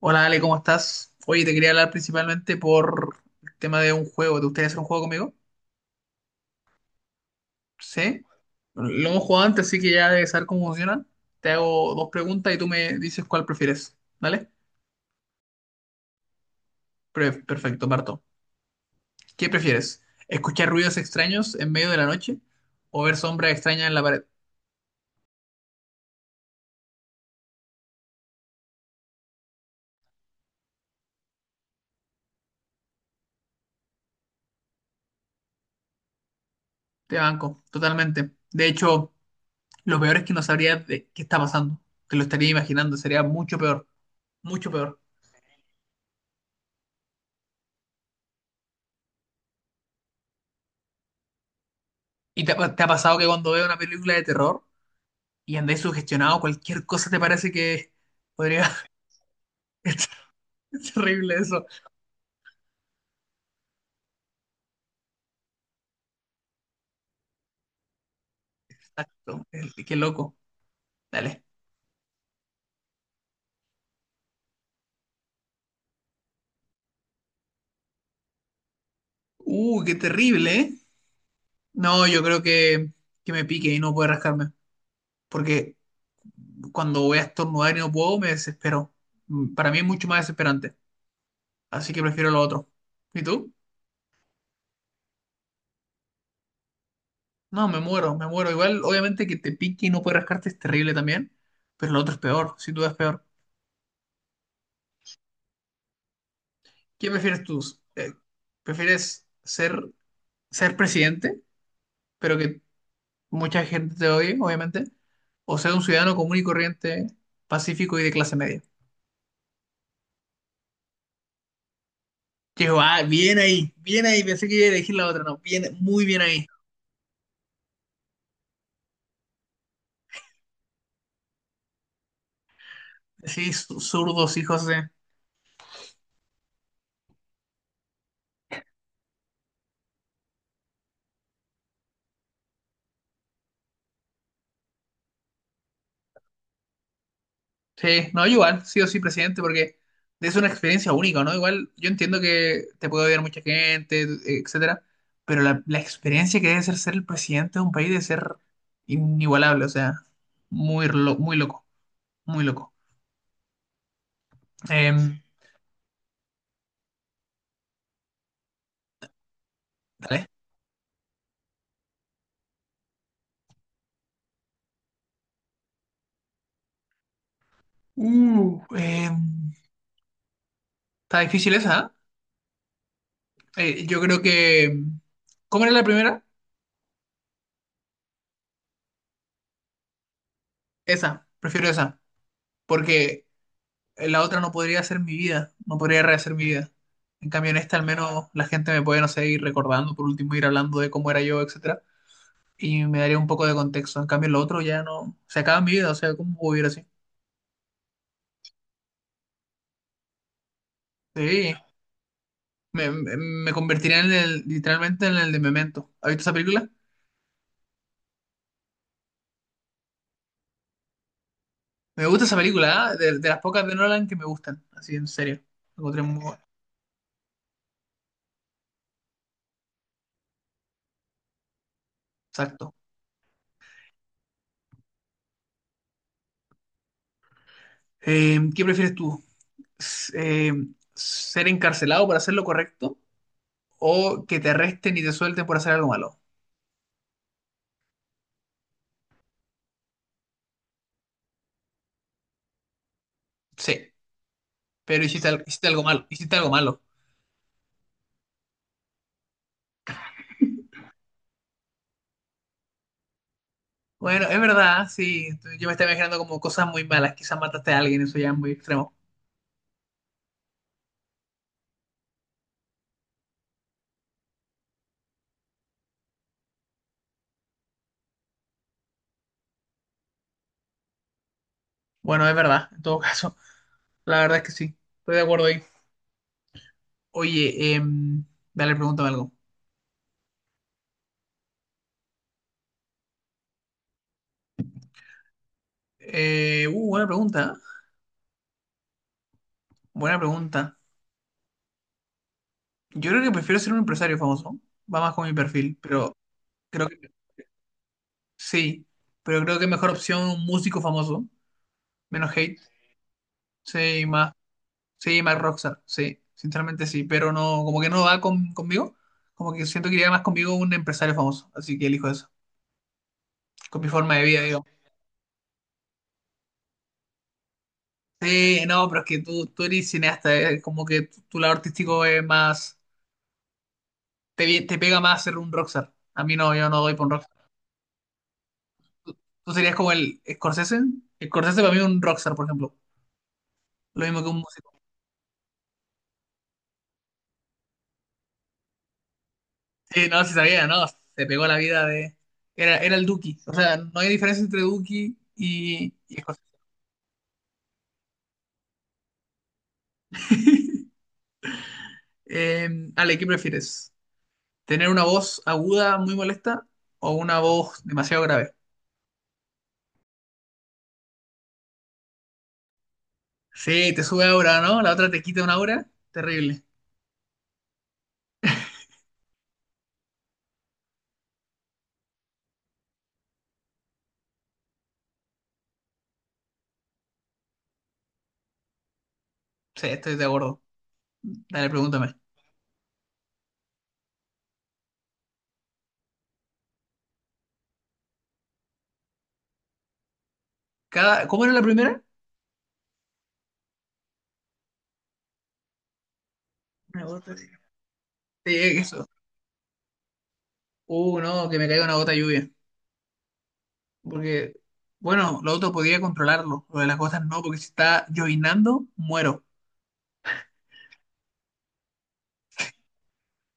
Hola Ale, ¿cómo estás? Oye, te quería hablar principalmente por el tema de un juego. ¿Te gustaría hacer un juego conmigo? Sí. Bueno, lo hemos jugado antes, así que ya debes saber cómo funciona. Te hago dos preguntas y tú me dices cuál prefieres. ¿Vale? Perfecto, Marto. ¿Qué prefieres? ¿Escuchar ruidos extraños en medio de la noche o ver sombras extrañas en la pared? Te banco, totalmente. De hecho, lo peor es que no sabrías de qué está pasando. Te lo estaría imaginando, sería mucho peor, mucho peor. ¿Y te ha pasado que cuando veo una película de terror y andáis sugestionado, cualquier cosa te parece que podría... Es terrible eso. Exacto. Qué loco. Dale. Qué terrible, ¿eh? No, yo creo que me pique y no puede rascarme. Porque cuando voy a estornudar y no puedo, me desespero. Para mí es mucho más desesperante. Así que prefiero lo otro. ¿Y tú? No, me muero, me muero. Igual, obviamente que te pique y no puedes rascarte es terrible también. Pero lo otro es peor, sin duda es peor. ¿Qué prefieres tú? Eh, ¿Prefieres ser presidente pero que mucha gente te odie, obviamente, o ser un ciudadano común y corriente, pacífico y de clase media? Yo, ah, bien ahí, pensé que iba a elegir la otra, no, bien, muy bien ahí. Sí, zurdos, hijos de... Sí, no, igual, sí o sí, presidente, porque es una experiencia única, ¿no? Igual, yo entiendo que te puede odiar mucha gente, etcétera, pero la experiencia que debe ser ser el presidente de un país debe ser inigualable, o sea, muy loco, muy loco. Em, Dale. Uh, eh, Está difícil esa, ¿eh? Yo creo que... ¿Cómo era la primera? Esa, prefiero esa, porque la otra no podría ser mi vida, no podría rehacer mi vida. En cambio, en esta al menos la gente me puede, no sé, ir recordando, por último ir hablando de cómo era yo, etcétera, y me daría un poco de contexto. En cambio, en lo otro ya no... Se acaba mi vida, o sea, ¿cómo puedo vivir así? Sí, me convertiría literalmente en el de Memento. ¿Has visto esa película? Me gusta esa película, ¿eh? De las pocas de Nolan que me gustan, así en serio. La encontré muy buena. Exacto. ¿Qué prefieres tú? S- eh, ¿Ser encarcelado por hacer lo correcto o que te arresten y te suelten por hacer algo malo? Sí, pero hiciste algo malo, hiciste algo malo. Bueno, es verdad, ¿ah? Sí. Yo me estaba imaginando como cosas muy malas, quizás mataste a alguien, eso ya es muy extremo. Bueno, es verdad, en todo caso, la verdad es que sí, estoy de acuerdo ahí. Oye, dale, pregúntame algo. Buena pregunta, ¿eh? Buena pregunta. Yo creo que prefiero ser un empresario famoso. Va más con mi perfil, pero creo que sí. Pero creo que mejor opción un músico famoso. Menos hate. Sí, más. Sí, más rockstar. Sí, sinceramente sí. Pero no, como que no va conmigo. Como que siento que iría más conmigo un empresario famoso. Así que elijo eso. Con mi forma de vida, digo. Sí, no, pero es que tú eres cineasta. Como que tu lado artístico es más. Te pega más ser un rockstar. A mí no, yo no doy por un rockstar. Tú serías como el Scorsese. Scorsese para mí es un rockstar, por ejemplo. Lo mismo que un músico. Sí, no, sí sabía, ¿no? Se pegó la vida de... Era el Duki. O sea, no hay diferencia entre Duki y José. Ale, ¿qué prefieres? ¿Tener una voz aguda muy molesta o una voz demasiado grave? Sí, te sube aura, ¿no? La otra te quita una aura. Terrible. Sí, estoy de acuerdo. Dale, pregúntame. Cada... ¿Cómo era la primera? Una gota de lluvia. Sí, eso. No, que me caiga una gota de lluvia. Porque, bueno, lo otro podía controlarlo. Lo de las gotas no, porque si está llovinando, muero.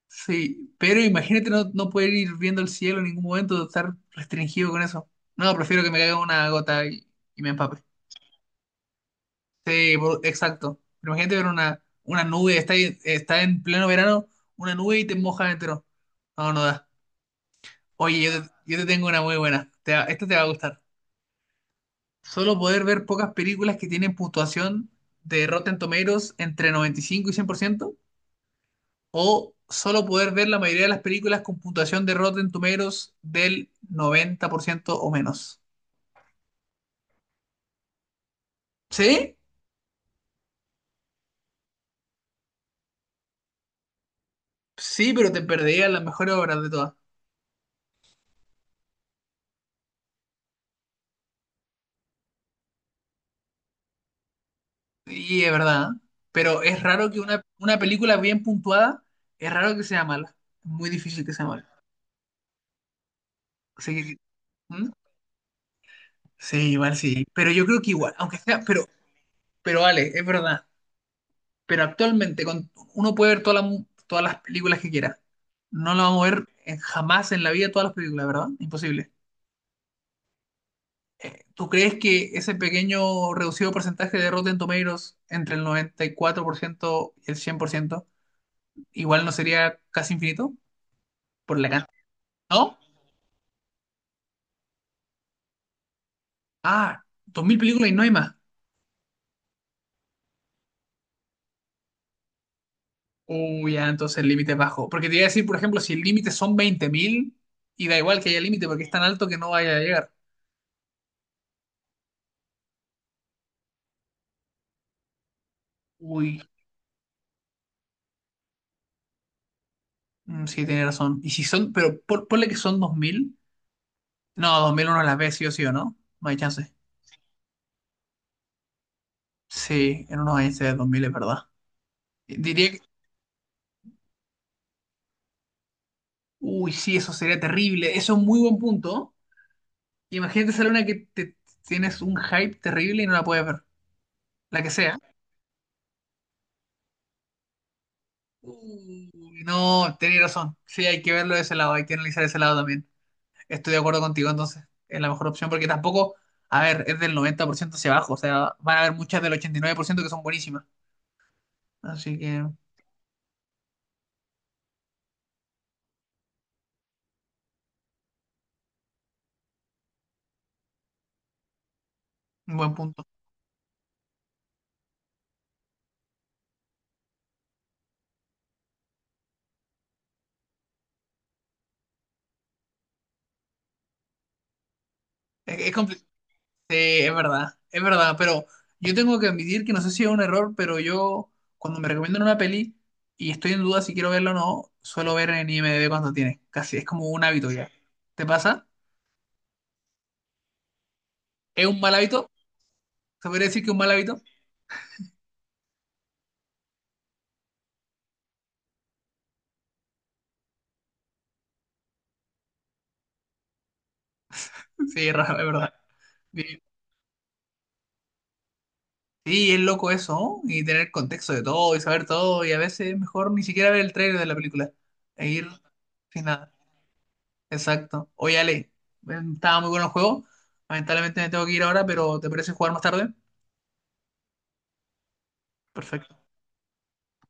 Sí, pero imagínate no poder ir viendo el cielo en ningún momento, estar restringido con eso. No, prefiero que me caiga una gota y me empape. Sí, exacto. Pero imagínate ver una nube, está en pleno verano, una nube y te mojas entero. No, no da. Oye, yo te tengo una muy buena. Esta te va a gustar. Solo poder ver pocas películas que tienen puntuación de Rotten Tomatoes entre 95 y 100%, o solo poder ver la mayoría de las películas con puntuación de Rotten Tomatoes del 90% o menos. ¿Sí? Sí, pero te perderías las mejores obras de todas. Y es verdad, ¿eh? Pero es raro que una película bien puntuada, es raro que sea mala. Es muy difícil que sea mala. Así que, ¿Mm? Sí, igual sí. Pero yo creo que igual, aunque sea, pero vale, es verdad. Pero actualmente uno puede ver todas las todas las películas que quiera. No lo vamos a ver jamás en la vida todas las películas, ¿verdad? Imposible. ¿Tú crees que ese pequeño reducido porcentaje de Rotten Tomatoes entre el 94% y 4% y el 100% igual no sería casi infinito? Por la cantidad. ¿No? Ah, 2.000 películas y no hay más. Uy, ya, entonces el límite es bajo. Porque te iba a decir, por ejemplo, si el límite son 20.000 y da igual que haya límite porque es tan alto que no vaya a llegar. Uy, sí, tiene razón. Y si son, pero ponle que son 2.000. No, 2.000 uno las ve sí o sí o no. No hay chance. Sí, en unos años se ve 2.000, es verdad. Diría que. Uy, sí, eso sería terrible. Eso es un muy buen punto. Imagínate esa luna que te tienes un hype terrible y no la puedes ver. La que sea. Uy, no, tenés razón. Sí, hay que verlo de ese lado, hay que analizar ese lado también. Estoy de acuerdo contigo, entonces es la mejor opción porque tampoco, a ver, es del 90% hacia abajo. O sea, van a haber muchas del 89% que son buenísimas. Así que, un buen punto. Es complicado. Sí, es verdad, pero yo tengo que admitir que no sé si es un error, pero yo cuando me recomiendan una peli y estoy en duda si quiero verla o no, suelo ver en IMDb cuando tiene, casi es como un hábito ya. ¿Te pasa? ¿Es un mal hábito? ¿Se podría decir que es un mal hábito? Sí, es raro, es verdad. Bien. Sí, es loco eso, ¿no? Y tener contexto de todo y saber todo y a veces mejor ni siquiera ver el trailer de la película e ir sin nada. Exacto. Oye, Ale, estaba muy bueno el juego. Lamentablemente me tengo que ir ahora, pero ¿te parece jugar más tarde? Perfecto.